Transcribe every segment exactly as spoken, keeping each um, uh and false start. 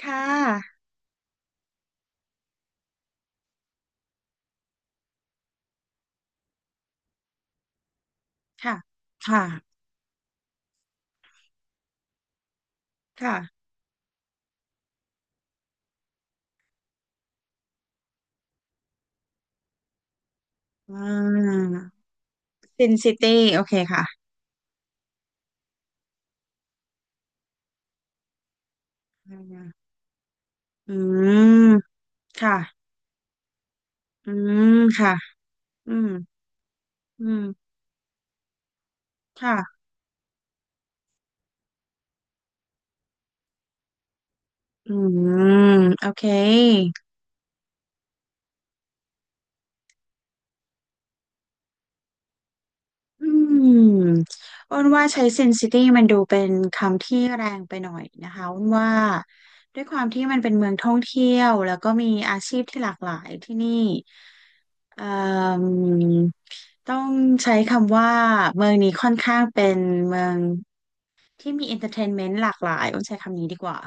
ค่ะค่ะ ค่ะ ค่ะอ่าซินซิตี้โอเคค่ะอาอืมค่ะ อืมค่ะอืมอืมค่ะอืมโอเคอืมอ้นว่าใช้ Sin-City มันดูเป็นคำที่แรงไปหน่อยนะคะอ้นว่าด้วยความที่มันเป็นเมืองท่องเที่ยวแล้วก็มีอาชีพที่หลากหลายที่นี่ อมต้องใช้คำว่าเมืองนี้ค่อนข้างเป็นเมืองที่มีเอนเตอร์เทนเมนต์หลากหลายต้องใช้คำนี้ดีกว่า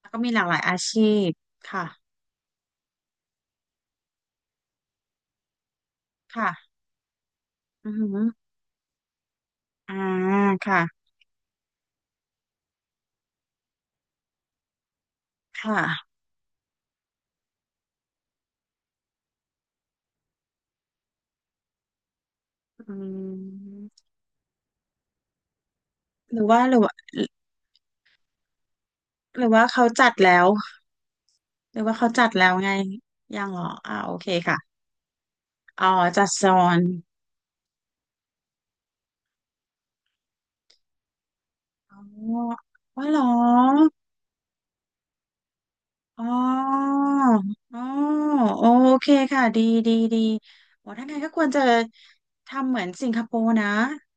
แล้วก็มีหลากหลายอาชีพค่ะค่ะอือหืออ่าค่ะค่ะอืมหรือว่าหรือว่าหรือว่าเขาจัดแล้วหรือว่าเขาจัดแล้วไงยังเหรออ่าโอเคค่ะอ๋อจัดโซนอ๋อว่าเหรอ อ๋ออ๋อโอเคค่ะดีดีดีโอ้ถ้าไงนก็ควรจะทำเหมือนสิงคโปร์นะ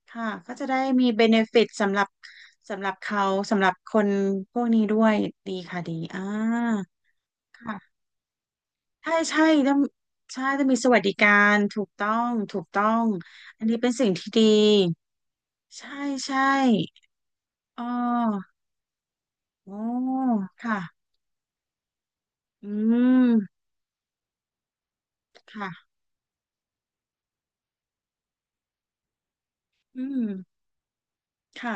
ค่ะ ก็จะได้มีเบเนฟิตสำหรับสำหรับเขาสำหรับคนพวกนี้ด้วยดีค่ะดีอ่าค่ะใช่ใช่ต้องใช่จะมีสวัสดิการถูกต้อง ถูกต้อง อันนี้เป็นสิ่งที่ดี ใช่ใช่อ๋อโอ้ค่ะอืมค่ะอืมค่ะ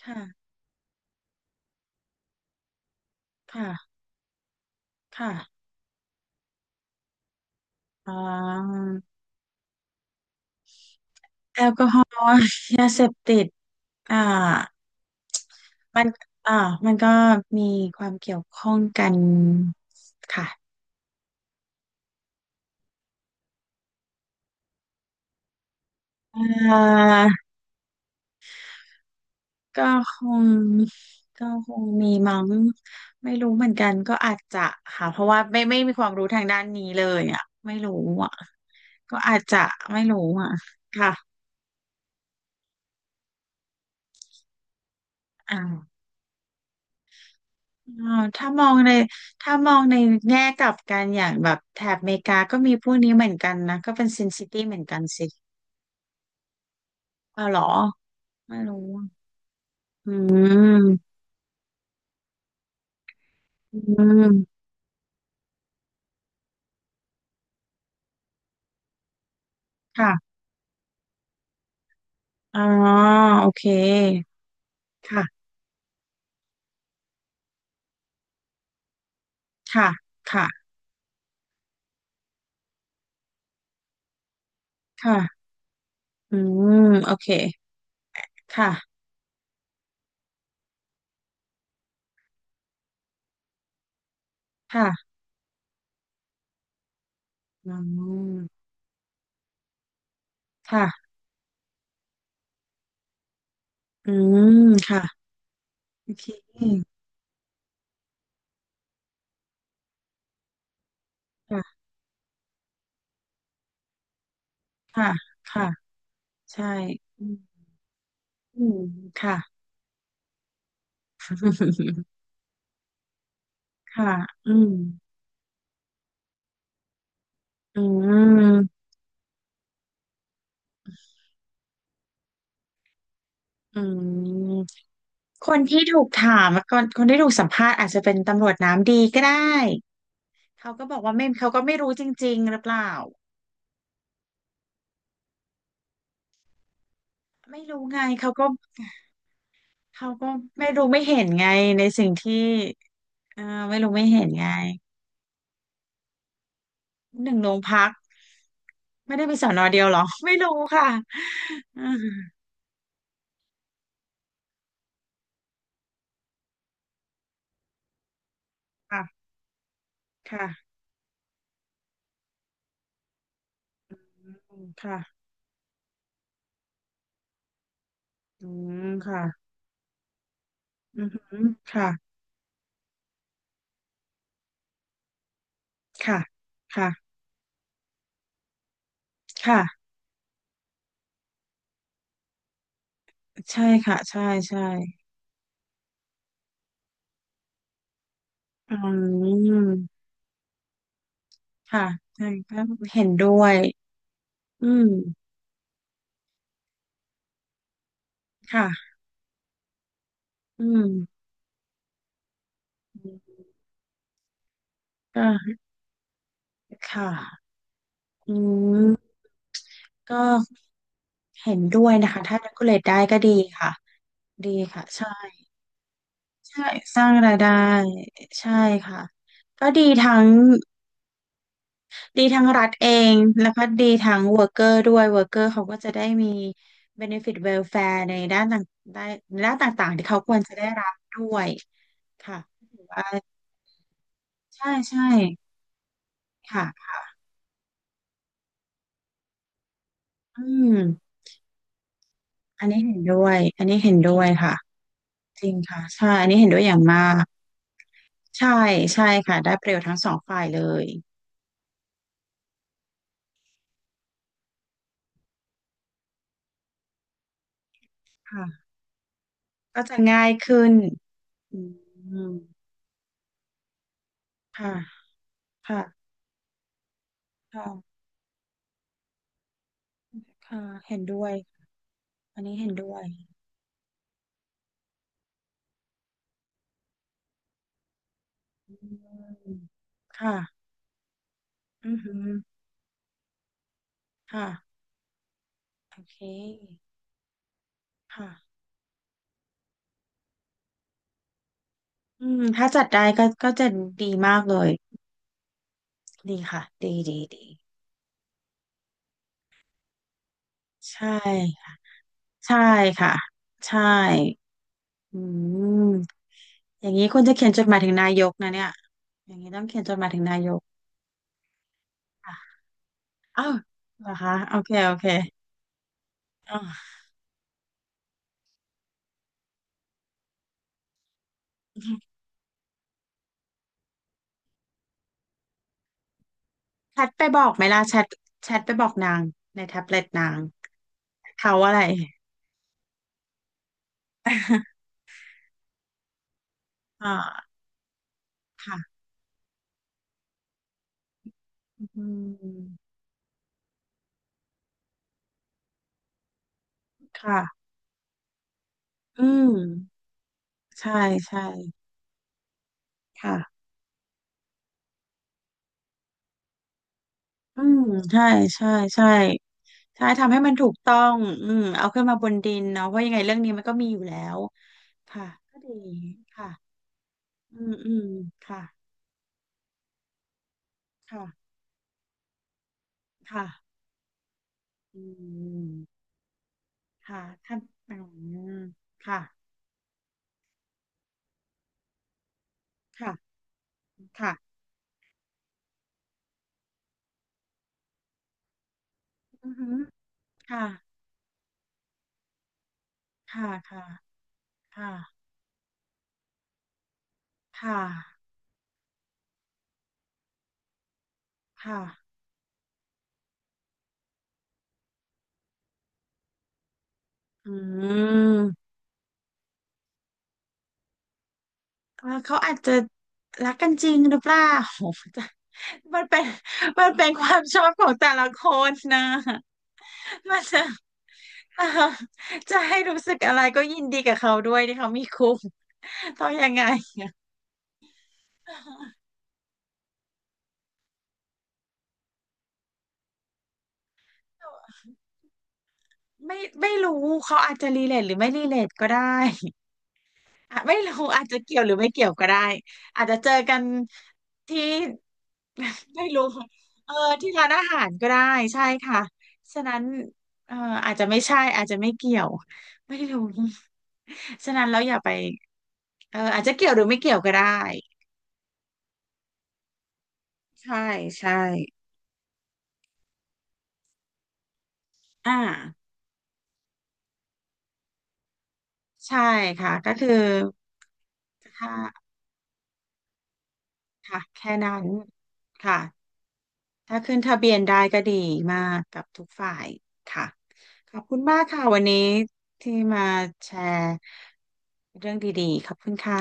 ค่ะค่ะ ค่ะอ่าแอลกอฮอล์ยาเสพติดอ่ามันอ่ามันก็มีความเกี่ยวข้องกันค่ะอ่าก็คงก็คงมีมั้งไม่รู้เหมือนกันก็อาจจะค่ะ เพราะว่าไม่ไม่มีความรู้ทางด้านนี้เลยอ่ะไม่รู้อ่ะ ก็อาจจะไม่รู้อ่ะค่ะอ่า อ่าถ้ามองในถ้ามองในแง่กลับกันอย่างแบบแถบอเมริกาก็มีพวกนี้เหมือนกันนะก็เป็นซินซิตี้เหมือนกันสิอ้าวเหรอไม่รู้อะอืมอืมค่ะอ๋อโอเคค่ะค่ะค่ะค่ะอืมโอเคค่ะค่ะอืมค่ะอืมค่ะโอเคค่ะค่ะค่ะใช่อืมอืมค่ะ ค่ะอืมอืม อืมคนที่ถูกถามคนคนที่ถูกสัมภาษณ์อาจจะเป็นตำรวจน้ำดีก็ได้เขาก็บอกว่าไม่เขาก็ไม่รู้จริงๆหรือเปล่าไม่รู้ไงเขาก็เขาก็ไม่รู้ไม่เห็นไงในสิ่งที่เอ่อไม่รู้ไม่เห็นไงหนึ่งโรงพักไม่ได้มีสอนอเดียวเหรอ ไม่รู้ค่ะอืมค่ะค่ะอืมค่ะอืมค่ะอืมค่ะค่ะค่ะค่ะใช่ค่ะใช่ใช่อืม ค่ะใช่ก็เห็นด้วยอืมค่ะอืมก็ค่ะอืมก็เห็นด้วยนะคะถ้า regulate ได้ก็ดีค่ะดีค่ะใช่ใช่สร้างรายได้ใช่ค่ะก็ดีทั้งดีทั้งรัฐเองแล้วก็ดีทั้ง worker ด้วย worker เขาก็จะได้มี benefit welfare ในด้านต่างได้ในด้านต่างๆที่เขาควรจะได้รับด้วยค่ะถือว่าใช่ใช่ค่ะ อืมอันนี้เห็นด้วยอันนี้เห็นด้วยค่ะ จริงค่ะใช่อันนี้เห็นด้วยอย่างมาก ใช่ใช่ค่ะได้ประโยชน์ทั้งสองฝ่ายเลยค่ะก็จะง่ายขึ้นอืมค่ะค่ะค่ะค่ะเห็นด้วยอันนี้เห็นด้วยอืมค่ะอือหือค่ะโอเคค่ะอืมถ้าจัดได้ก็ก็จะดีมากเลย ดีค่ะดีดีดีใช่ค่ะใช่ค่ะใช่อืม อย่างนี้คุณจะเขียนจดหมายถึงนายกนะเนี่ย อย่างนี้ต้องเขียนจดหมายถึงนายกอ่ะอ้าวเหรอคะโอเคโอเคอ่าวแชทไปบอกไหมล่ะแชทแชทไปบอกนางในแท็บเล็ตนางเขาอะไร อ่าค่ะอืมค่ะอืมใช่ใช่ค่ะอืมใช่ใช่ใช่ใช่ทำให้มันถูกต้องอืมเอาขึ้นมาบนดินเนาะเพราะยังไงเรื่องนี้มันก็มีอยู่แล้วค่ะก็ดีค่ะอืมอืมค่ะ ค่ะค่ะอืมค่ะท่านอืมค่ะค่ะค่ะอือหือค่ะค่ะค่ะค่ะค่ะค่ะอืมแล้วเขาอาจจะรักกันจริงหรือเปล่า โหจะมันเป็นมันเป็นความชอบของแต่ละคนนะ มันจะ เอ่อจะให้รู้สึกอะไรก็ยินดีกับเขาด้วยที่เขามีคู่เขา ยังไง ไม่ไม่รู้เขาอาจจะรีเลทหรือไม่รีเลทก็ได้ อ่ะไม่รู้อาจจะเกี่ยวหรือไม่เกี่ยวก็ได้อาจจะเจอกันที่ ไม่รู้ค่ะเออที่ร้านอาหารก็ได้ใช่ค่ะฉะนั้นเอออาจจะไม่ใช่อาจจะไม่เกี่ยวไม่รู้ ฉะนั้นเราอย่าไปเอออาจจะเกี่ยวหรือไม่เกี่ยวก็ได้ใช่ใช่อ่าใช่ค่ะก็คือค่ะค่ะแค่นั้นค่ะ ถ้าขึ้นทะเบียนได้ก็ดีมากกับทุกฝ่ายค่ะขอบคุณมากค่ะวันนี้ที่มาแชร์เรื่องดีๆขอบคุณค่ะ